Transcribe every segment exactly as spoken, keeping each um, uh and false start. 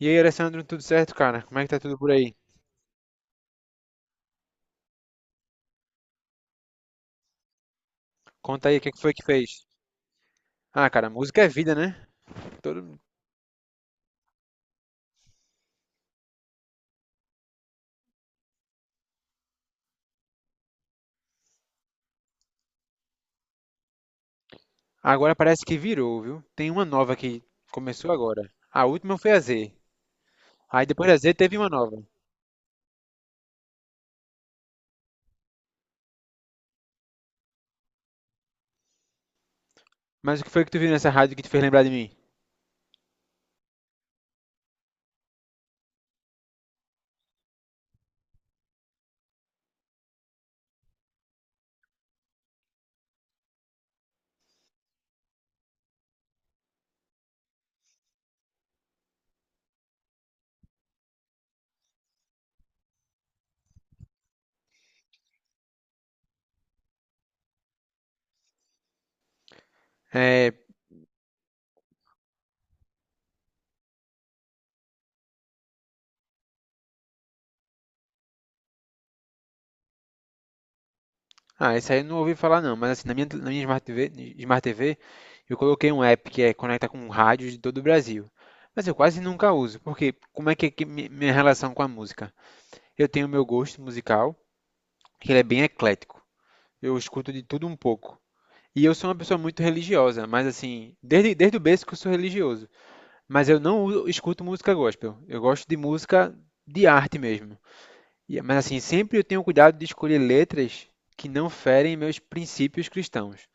E aí, Alessandro, tudo certo, cara? Como é que tá tudo por aí? Conta aí, o que que foi que fez? Ah, cara, música é vida, né? Todo- Agora parece que virou, viu? Tem uma nova que começou agora. A última foi a Z. Aí depois da Z teve uma nova. Mas o que foi que tu viu nessa rádio que te fez lembrar de mim? É... Ah, isso aí eu não ouvi falar não, mas assim, na minha, na minha Smart T V, Smart T V, eu coloquei um app que é conecta com rádios de todo o Brasil. Mas eu quase nunca uso, porque como é que é que mi- minha relação com a música? Eu tenho o meu gosto musical, que ele é bem eclético. Eu escuto de tudo um pouco. E eu sou uma pessoa muito religiosa, mas assim, desde, desde o berço que eu sou religioso. Mas eu não uso- escuto música gospel. Eu gosto de música de arte mesmo. E- mas assim, sempre eu tenho cuidado de escolher letras que não ferem meus princípios cristãos.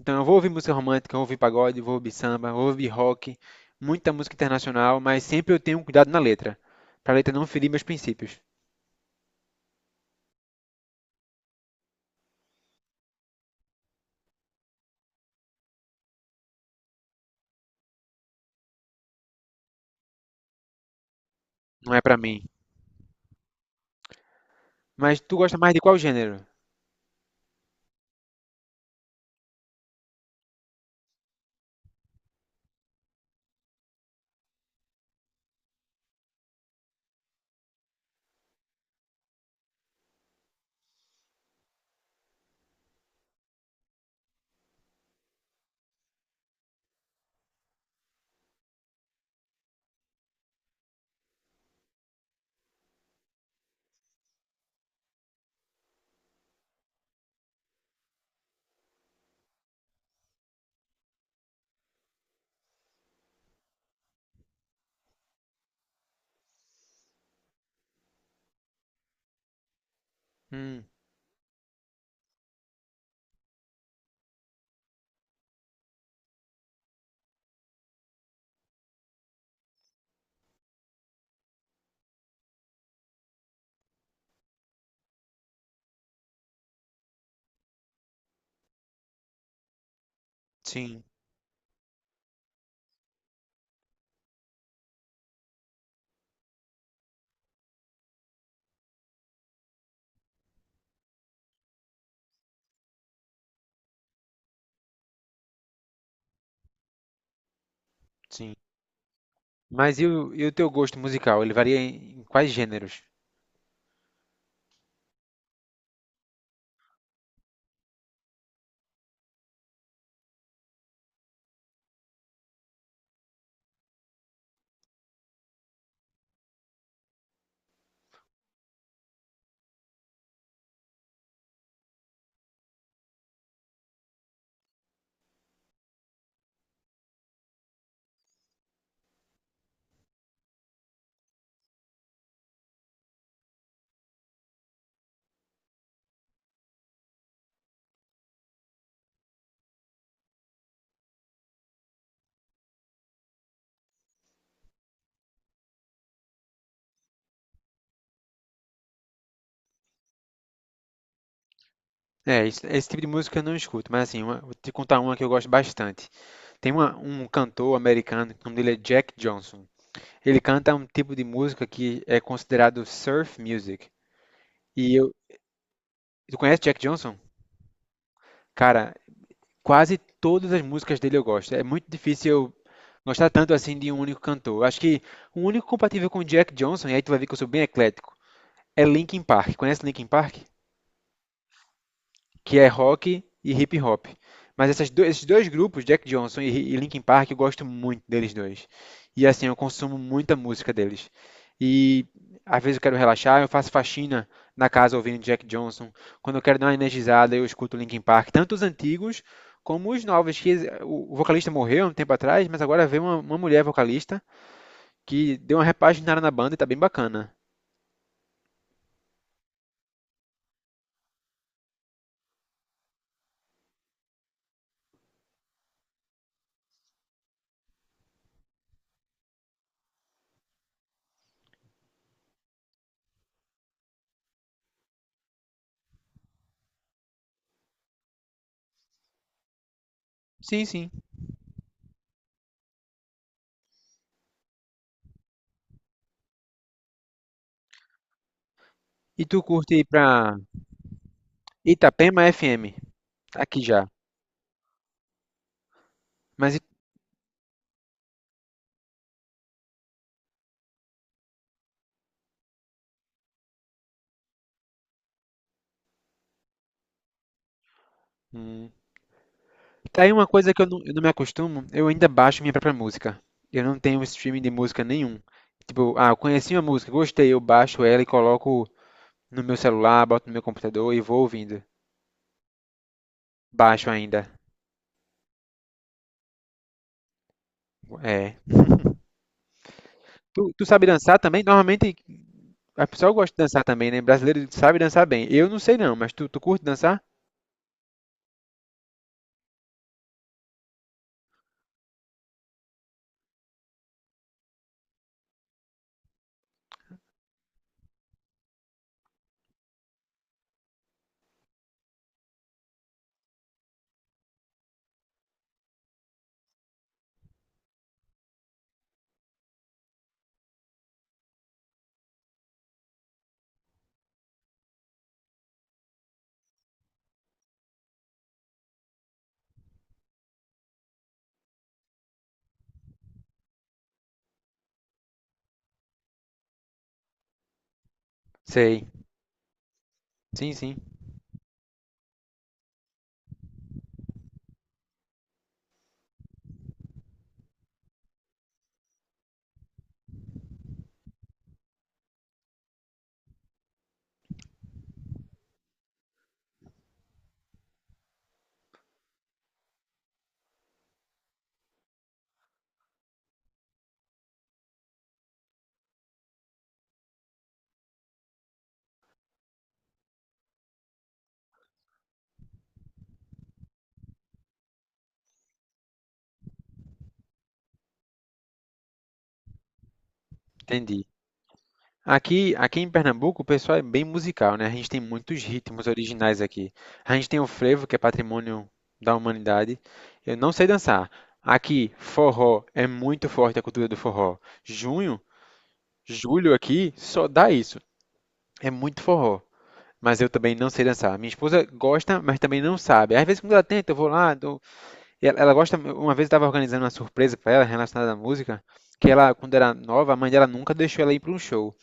Então eu vou ouvir música romântica, eu vou ouvir pagode, vou ouvir samba, vou ouvir rock, muita música internacional, mas sempre eu tenho cuidado na letra, pra letra não ferir meus princípios. Não é pra mim. Mas tu gosta mais de qual gênero? Hum, sim, sim. Mas e o, e o teu gosto musical? Ele varia em, em quais gêneros? É, isso- esse tipo de música eu não escuto, mas assim, uma- vou te contar uma que eu gosto bastante. Tem uma- um cantor americano, o nome dele é Jack Johnson. Ele canta um tipo de música que é considerado surf music. E eu, tu conhece Jack Johnson? Cara, quase todas as músicas dele eu gosto. É muito difícil eu gostar tanto assim de um único cantor. Acho que o único compatível com Jack Johnson, e aí tu vai ver que eu sou bem eclético, é Linkin Park. Conhece Linkin Park? Que é rock e hip hop. Mas essas do- esses dois grupos, Jack Johnson e, e Linkin Park, eu gosto muito deles dois. E assim, eu consumo muita música deles. E às vezes eu quero relaxar, eu faço faxina na casa ouvindo Jack Johnson. Quando eu quero dar uma energizada, eu escuto Linkin Park, tanto os antigos como os novos, que o vocalista morreu há um tempo atrás, mas agora veio uma, uma mulher vocalista que deu uma repaginada na banda e tá bem bacana. Sim, sim. E tu curte ir pra Itapema F M, aqui já. Mas e- hum, tem uma coisa que eu não, eu não me acostumo, eu ainda baixo minha própria música. Eu não tenho streaming de música nenhum. Tipo, ah, eu conheci uma música, gostei, eu baixo ela e coloco no meu celular, boto no meu computador e vou ouvindo. Baixo ainda. É. Tu, tu sabe dançar também? Normalmente a pessoa gosta de dançar também, né? Brasileiro sabe dançar bem. Eu não sei não, mas tu, tu curte dançar? Sei. Sim, sim. Entendi. Aqui, aqui em Pernambuco, o pessoal é bem musical, né? A gente tem muitos ritmos originais aqui. A gente tem o frevo, que é patrimônio da humanidade. Eu não sei dançar. Aqui, forró é muito forte a cultura do forró. Junho, julho aqui só dá isso. É muito forró. Mas eu também não sei dançar. Minha esposa gosta, mas também não sabe. Às vezes, quando ela tenta, eu vou lá. dou- e Ela, ela gosta. Uma vez eu estava organizando uma surpresa para ela relacionada à música, que ela, quando era nova, a mãe dela nunca deixou ela ir para um show.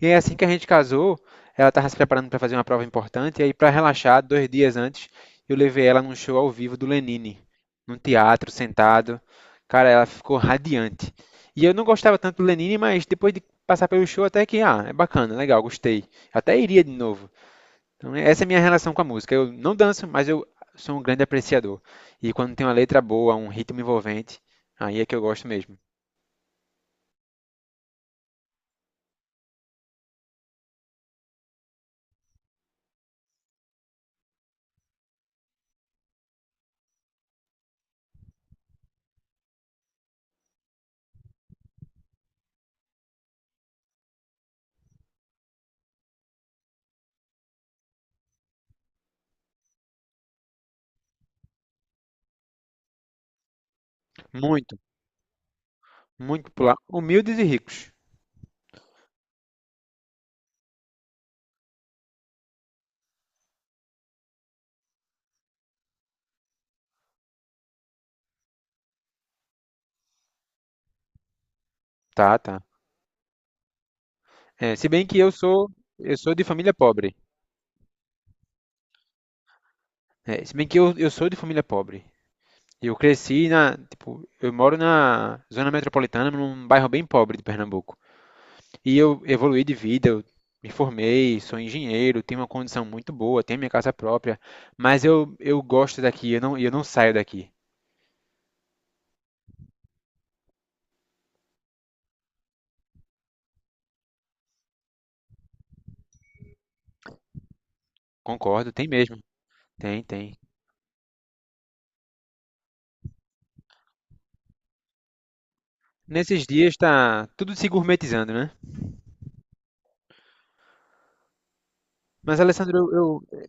E aí, assim que a gente casou, ela estava se preparando para fazer uma prova importante, e aí, para relaxar, dois dias antes, eu levei ela num show ao vivo do Lenine, num teatro, sentado. Cara, ela ficou radiante. E eu não gostava tanto do Lenine, mas depois de passar pelo show, até que, ah, é bacana, legal, gostei. Até iria de novo. Então, essa é a minha relação com a música. Eu não danço, mas eu sou um grande apreciador. E quando tem uma letra boa, um ritmo envolvente, aí é que eu gosto mesmo. Muito, muito popular. Humildes e ricos. Tá, tá. É, se bem que eu sou, eu sou de família pobre. É, se bem que eu, eu sou de família pobre. Eu cresci na, tipo, eu moro na zona metropolitana, num bairro bem pobre de Pernambuco. E eu evoluí de vida, eu me formei, sou engenheiro, tenho uma condição muito boa, tenho minha casa própria, mas eu, eu gosto daqui, eu não, eu não saio daqui. Concordo, tem mesmo. Tem, tem. Nesses dias tá tudo se gourmetizando, né? Mas, Alessandro, eu, eu-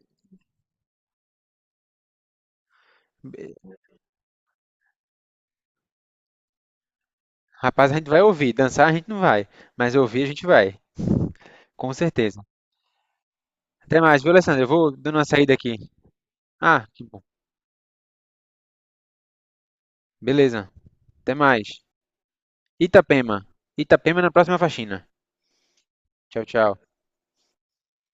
rapaz, a gente vai ouvir. Dançar a gente não vai, mas ouvir a gente vai, com certeza. Até mais, viu, Alessandro? Eu vou dando uma saída aqui. Ah, que bom. Beleza. Até mais. Itapema. Itapema na próxima faxina. Tchau, tchau.